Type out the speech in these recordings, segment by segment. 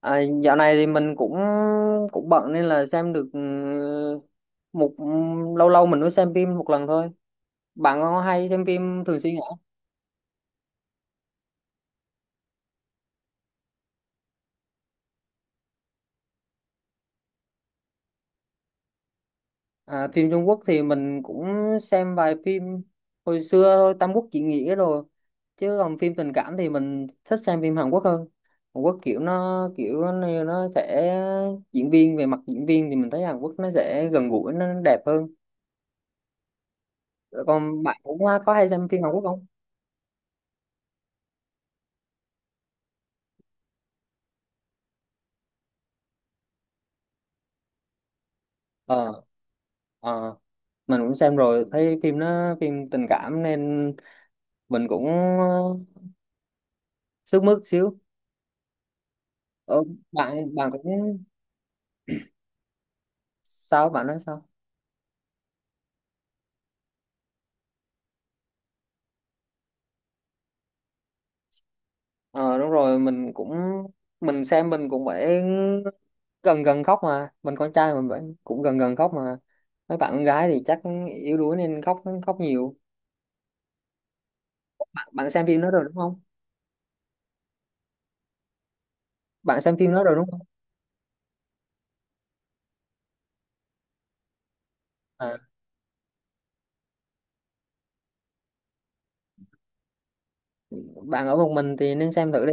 À, dạo này thì mình cũng cũng bận nên là xem được một lâu lâu mình mới xem phim một lần thôi. Bạn có hay xem phim thường xuyên hả? À, phim Trung Quốc thì mình cũng xem vài phim hồi xưa thôi, Tam Quốc diễn nghĩa rồi. Chứ còn phim tình cảm thì mình thích xem phim Hàn Quốc hơn. Hàn Quốc kiểu nó sẽ diễn viên, về mặt diễn viên thì mình thấy Hàn Quốc nó sẽ gần gũi, nó đẹp hơn. Còn bạn cũng có hay xem phim Hàn Quốc không? Ờ. Ờ. Mình cũng xem rồi, thấy phim nó phim tình cảm nên mình cũng ờ, sức mướt xíu. ờ, bạn bạn cũng, sao bạn nói sao? Ờ đúng rồi, mình cũng, mình xem mình cũng phải gần gần khóc mà, mình con trai mình vẫn cũng gần gần khóc mà, mấy bạn con gái thì chắc yếu đuối nên khóc khóc nhiều. Bạn xem phim đó rồi đúng không? Bạn xem phim đó rồi đúng không? À, bạn ở một mình thì nên xem thử đi.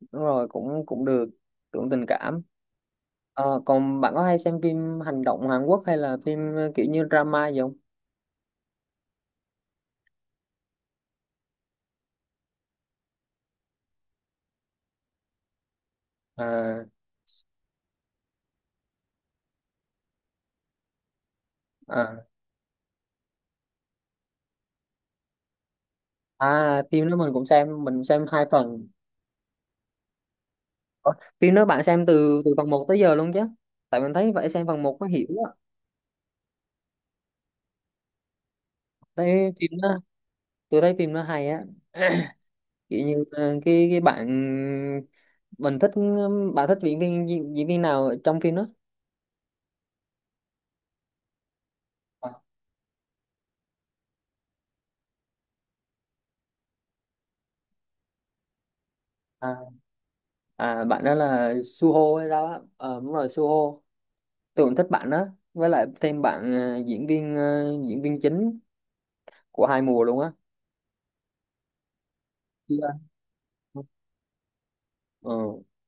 Đúng rồi, cũng cũng được, cũng tình cảm. Ờ, còn bạn có hay xem phim hành động Hàn Quốc hay là phim kiểu như drama gì không? À, à, à phim đó mình cũng xem, mình xem hai phần. Ủa, phim đó bạn xem từ từ phần một tới giờ luôn chứ? Tại mình thấy vậy, xem phần một có hiểu á. Thấy phim đó, tôi thấy phim đó hay á. Kiểu như cái bạn mình thích, bạn thích diễn viên nào ở trong phim đó? À, à, à, bạn đó là Suho hay sao á? Ờ đúng rồi, Suho. Tôi cũng thích bạn đó, với lại thêm bạn diễn viên, diễn viên chính của hai mùa luôn á. Chưa. Ừ.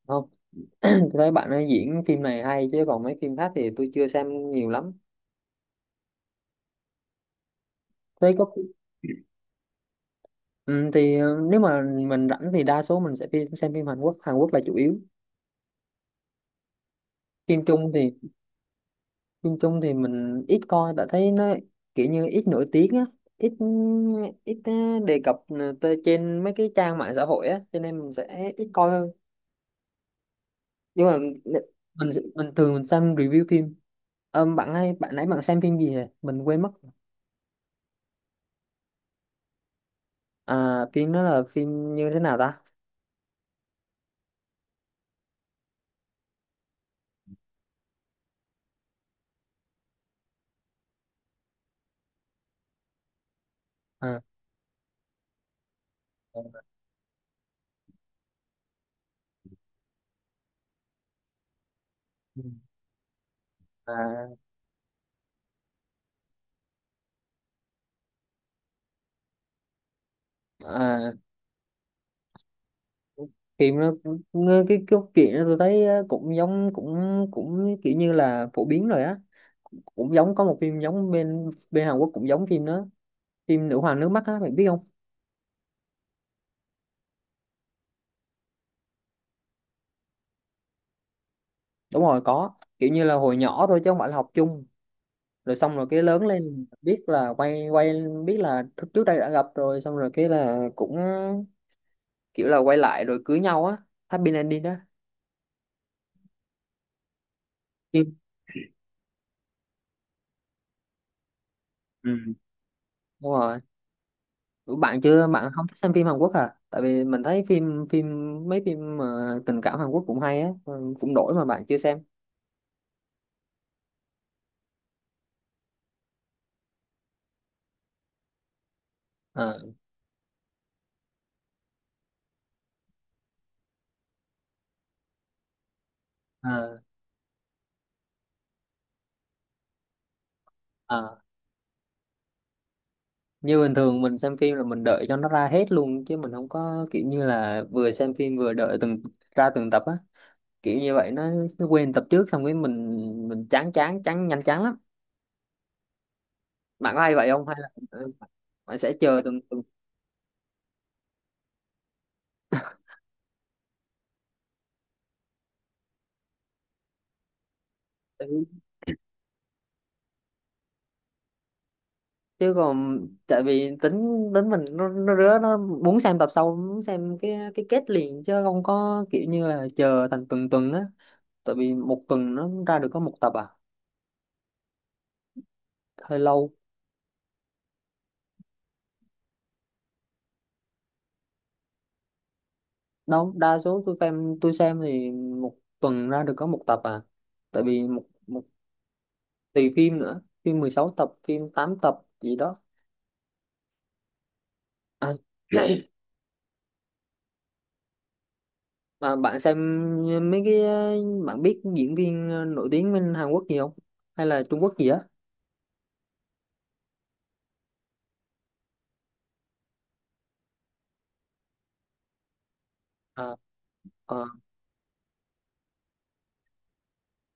Không. Tôi thấy bạn ấy diễn phim này hay, chứ còn mấy phim khác thì tôi chưa xem nhiều lắm. Thế có, ừ, thì nếu mà mình rảnh thì đa số mình sẽ phim, xem phim Hàn Quốc, Hàn Quốc là chủ yếu. Phim Trung thì, phim Trung thì mình ít coi tại thấy nó kiểu như ít nổi tiếng á, ít, ít đề cập tới trên mấy cái trang mạng xã hội á, cho nên mình sẽ ít coi. Nhưng mà mình mình thường mình xem review phim. Ờ, bạn hay, bạn nãy bạn xem phim gì vậy, mình quên mất. À phim đó là phim như thế nào ta? À, à, à, phim nó cũng- nghe cái câu chuyện đó tôi thấy cũng giống, cũng cũng kiểu như là phổ biến rồi á, cũng giống có một phim giống bên bên Hàn Quốc, cũng giống phim đó, phim Nữ hoàng nước mắt á, bạn biết không? Đúng rồi có, kiểu như là hồi nhỏ thôi chứ không phải là học chung, rồi xong rồi cái lớn lên biết là quay quay, biết là trước trước đây đã gặp rồi, xong rồi cái là cũng kiểu là quay lại rồi cưới nhau á, happy ending đó. Phim. Ừ. Đúng rồi. Ủa, bạn chưa, bạn không thích xem phim Hàn Quốc à? Tại vì mình thấy phim phim mấy phim mà tình cảm Hàn Quốc cũng hay á, ừ, cũng đổi mà bạn chưa xem. Ờ. Ờ. Ờ. Như bình thường mình xem phim là mình đợi cho nó ra hết luôn, chứ mình không có kiểu như là vừa xem phim vừa đợi từng ra từng tập á, kiểu như vậy nó quên tập trước xong cái mình chán chán chán, nhanh chán lắm. Bạn có hay vậy không hay là bạn sẽ chờ từng từng từng- chứ còn, tại vì tính tính mình nó rứa, nó muốn xem tập sau, muốn xem cái kết liền, chứ không có kiểu như là chờ thành tuần tuần á. Tại vì một tuần nó ra được có một tập à, hơi lâu. Đâu, đa số tôi xem, tôi xem thì một tuần ra được có một tập à, tại vì một một tùy phim nữa, phim 16 tập, phim 8 tập gì đó. À, mà bạn xem mấy cái, bạn biết diễn viên nổi tiếng bên Hàn Quốc gì không? Hay là Trung Quốc gì á? À, ờ,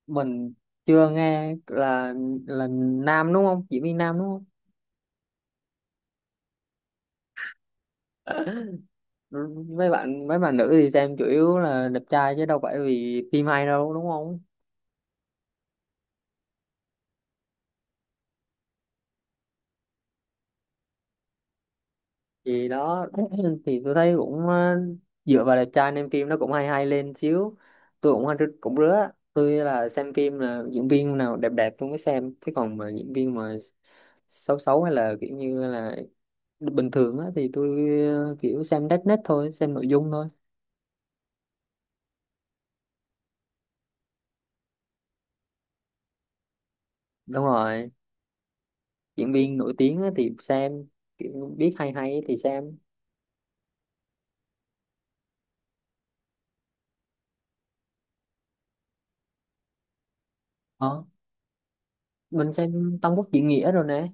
mình chưa nghe, là nam đúng không? Diễn viên nam đúng không? Mấy bạn nữ thì xem chủ yếu là đẹp trai chứ đâu phải vì phim hay đâu đúng không? Thì đó. Thì tôi thấy cũng dựa vào đẹp trai nên phim nó cũng hay hay lên xíu. Tôi cũng cũng rứa, tôi là xem phim là diễn viên nào đẹp đẹp tôi mới xem, chứ còn mà diễn viên mà xấu xấu hay là kiểu như là bình thường á thì tôi kiểu xem đất nét thôi, xem nội dung thôi. Đúng rồi, diễn viên nổi tiếng á thì xem, kiểu biết hay hay thì xem. Ờ, mình xem Tam Quốc Diễn Nghĩa rồi nè.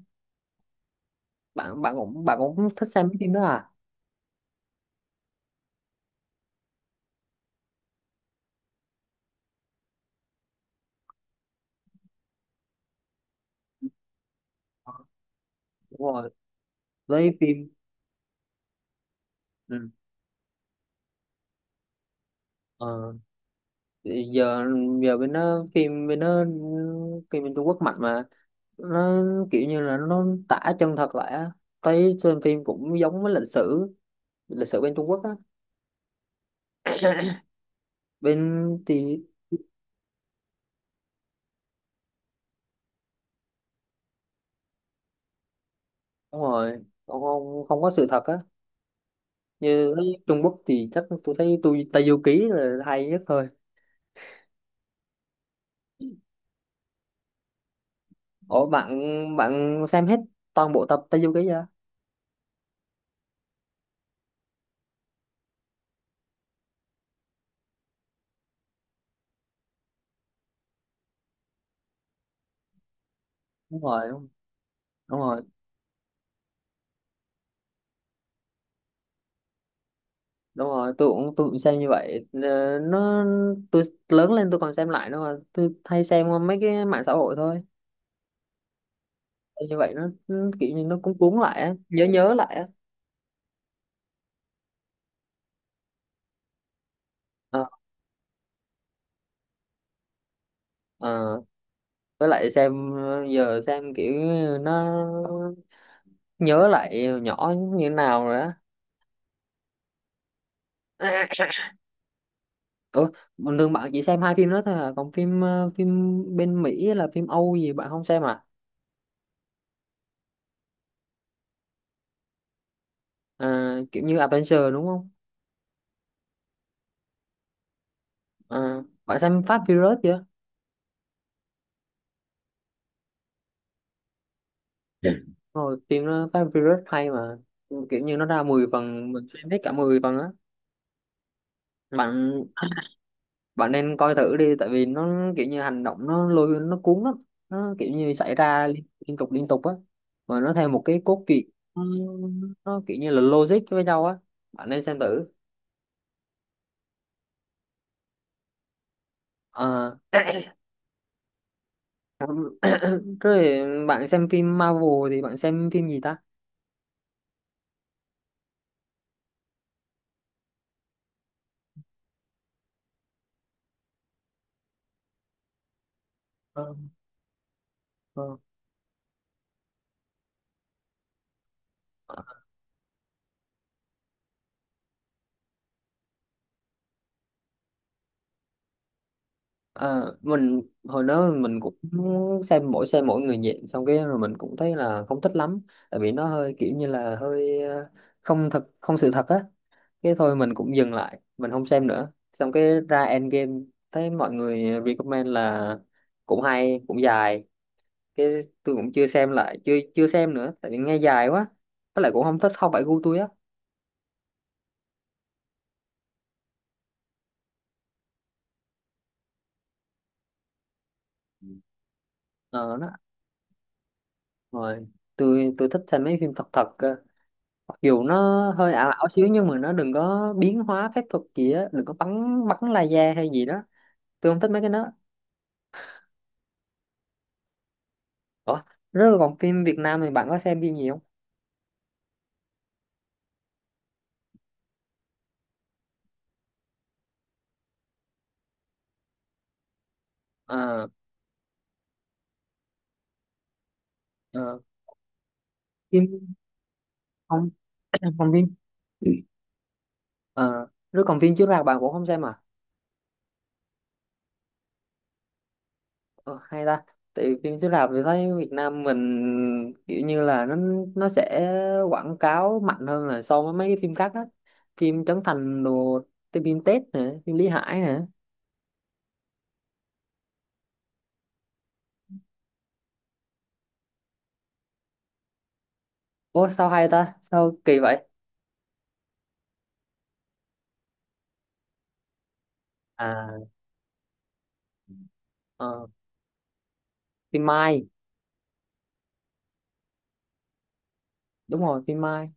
Bạn bạn cũng, bạn cũng thích xem mấy phim đó à? Ờ, đúng rồi với phim. Ừ. Ờ, thì giờ, giờ bên nó phim bên nó, phim bên Trung Quốc mạnh mà, nó kiểu như là nó tả chân thật lại á, thấy xem phim cũng giống với lịch sử, lịch sử bên Trung Quốc á. Bên thì, đúng rồi, không không có sự thật á. Như thấy Trung Quốc thì chắc tôi thấy tôi Tây Du Ký là hay nhất thôi. Ủa bạn, bạn xem hết toàn bộ tập Tây Du Ký chưa? Đúng rồi, đúng, đúng rồi, đúng rồi. Tôi cũng xem như vậy. Ờ, nó, tôi lớn lên tôi còn xem lại nữa mà, tôi hay xem qua mấy cái mạng xã hội thôi. Xem như vậy nó kiểu như nó cũng cuốn lại á, nhớ nhớ lại á. Ờ, ờ, với lại xem, giờ xem kiểu nó nhớ lại hồi nhỏ như thế nào rồi á. Ủa, bình thường bạn chỉ xem hai phim đó thôi à, còn phim phim bên Mỹ là phim Âu gì bạn không xem à? À kiểu như Avengers đúng không? À, bạn xem Fast Furious chưa? Dạ rồi, phim nó Fast and Furious hay mà, kiểu như nó ra 10 phần, mình xem hết cả 10 phần á. Bạn bạn nên coi thử đi, tại vì nó kiểu như hành động nó lôi nó cuốn lắm, nó kiểu như xảy ra liên tục liên tục á, mà nó theo một cái cốt truyện, nó, nó kiểu như là logic với nhau á. Bạn nên xem thử. Ờ. Rồi, bạn xem phim Marvel thì bạn xem phim gì ta? Ờ, ờ. Ờ, mình hồi đó mình cũng xem mỗi, xem mỗi người nhện xong cái rồi mình cũng thấy là không thích lắm, tại vì nó hơi kiểu như là hơi không thật, không sự thật á, cái thôi mình cũng dừng lại mình không xem nữa, xong cái ra Endgame, thấy mọi người recommend là cũng hay cũng dài, cái tôi cũng chưa xem lại, chưa chưa xem nữa, tại vì nghe dài quá, với lại cũng không thích, không phải gu tôi á. Ờ đó, rồi, tôi thích xem mấy phim thật thật cơ, mặc dù nó hơi ảo ảo xíu, nhưng mà nó đừng có biến hóa phép thuật gì á, đừng có bắn, bắn laser hay gì đó, tôi không thích mấy cái đó. Ủa, rất là, còn phim Việt Nam thì bạn có xem phim gì không? Ờ, ờ, phim không. Không phim. Ờ rồi, còn phim chiếu rạp bạn cũng không xem à? Ờ, hay ta, tại vì phim chiếu rạp thì thấy Việt Nam mình kiểu như là nó sẽ quảng cáo mạnh hơn là so với mấy cái phim khác á, phim Trấn Thành đồ, phim Tết nè, phim Lý Hải nè. Ủa sao hay ta, sao kỳ vậy? À Ờ, phim Mai đúng rồi, phim Mai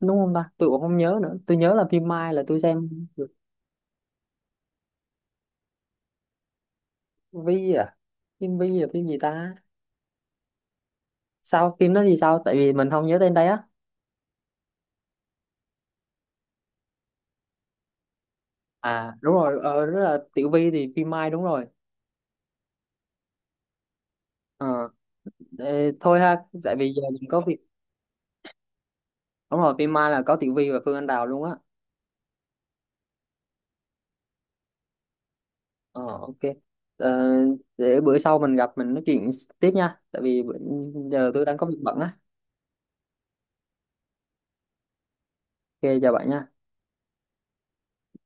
đúng không ta, tôi cũng không nhớ nữa, tôi nhớ là phim Mai là tôi xem được. Vi à, phim Vi là phim gì ta? Sao phim đó thì sao, tại vì mình không nhớ tên đấy á. À đúng rồi, ờ rất là Tiểu Vi thì phim Mai đúng rồi. Ờ, ê, thôi ha, tại vì giờ mình có việc. Đúng rồi, phim Mai là có Tiểu Vi và Phương Anh Đào luôn á. Ờ ok. Ờ, để bữa sau mình gặp mình nói chuyện tiếp nha, tại vì bữa- giờ tôi đang có việc bận á. Ok chào bạn nha.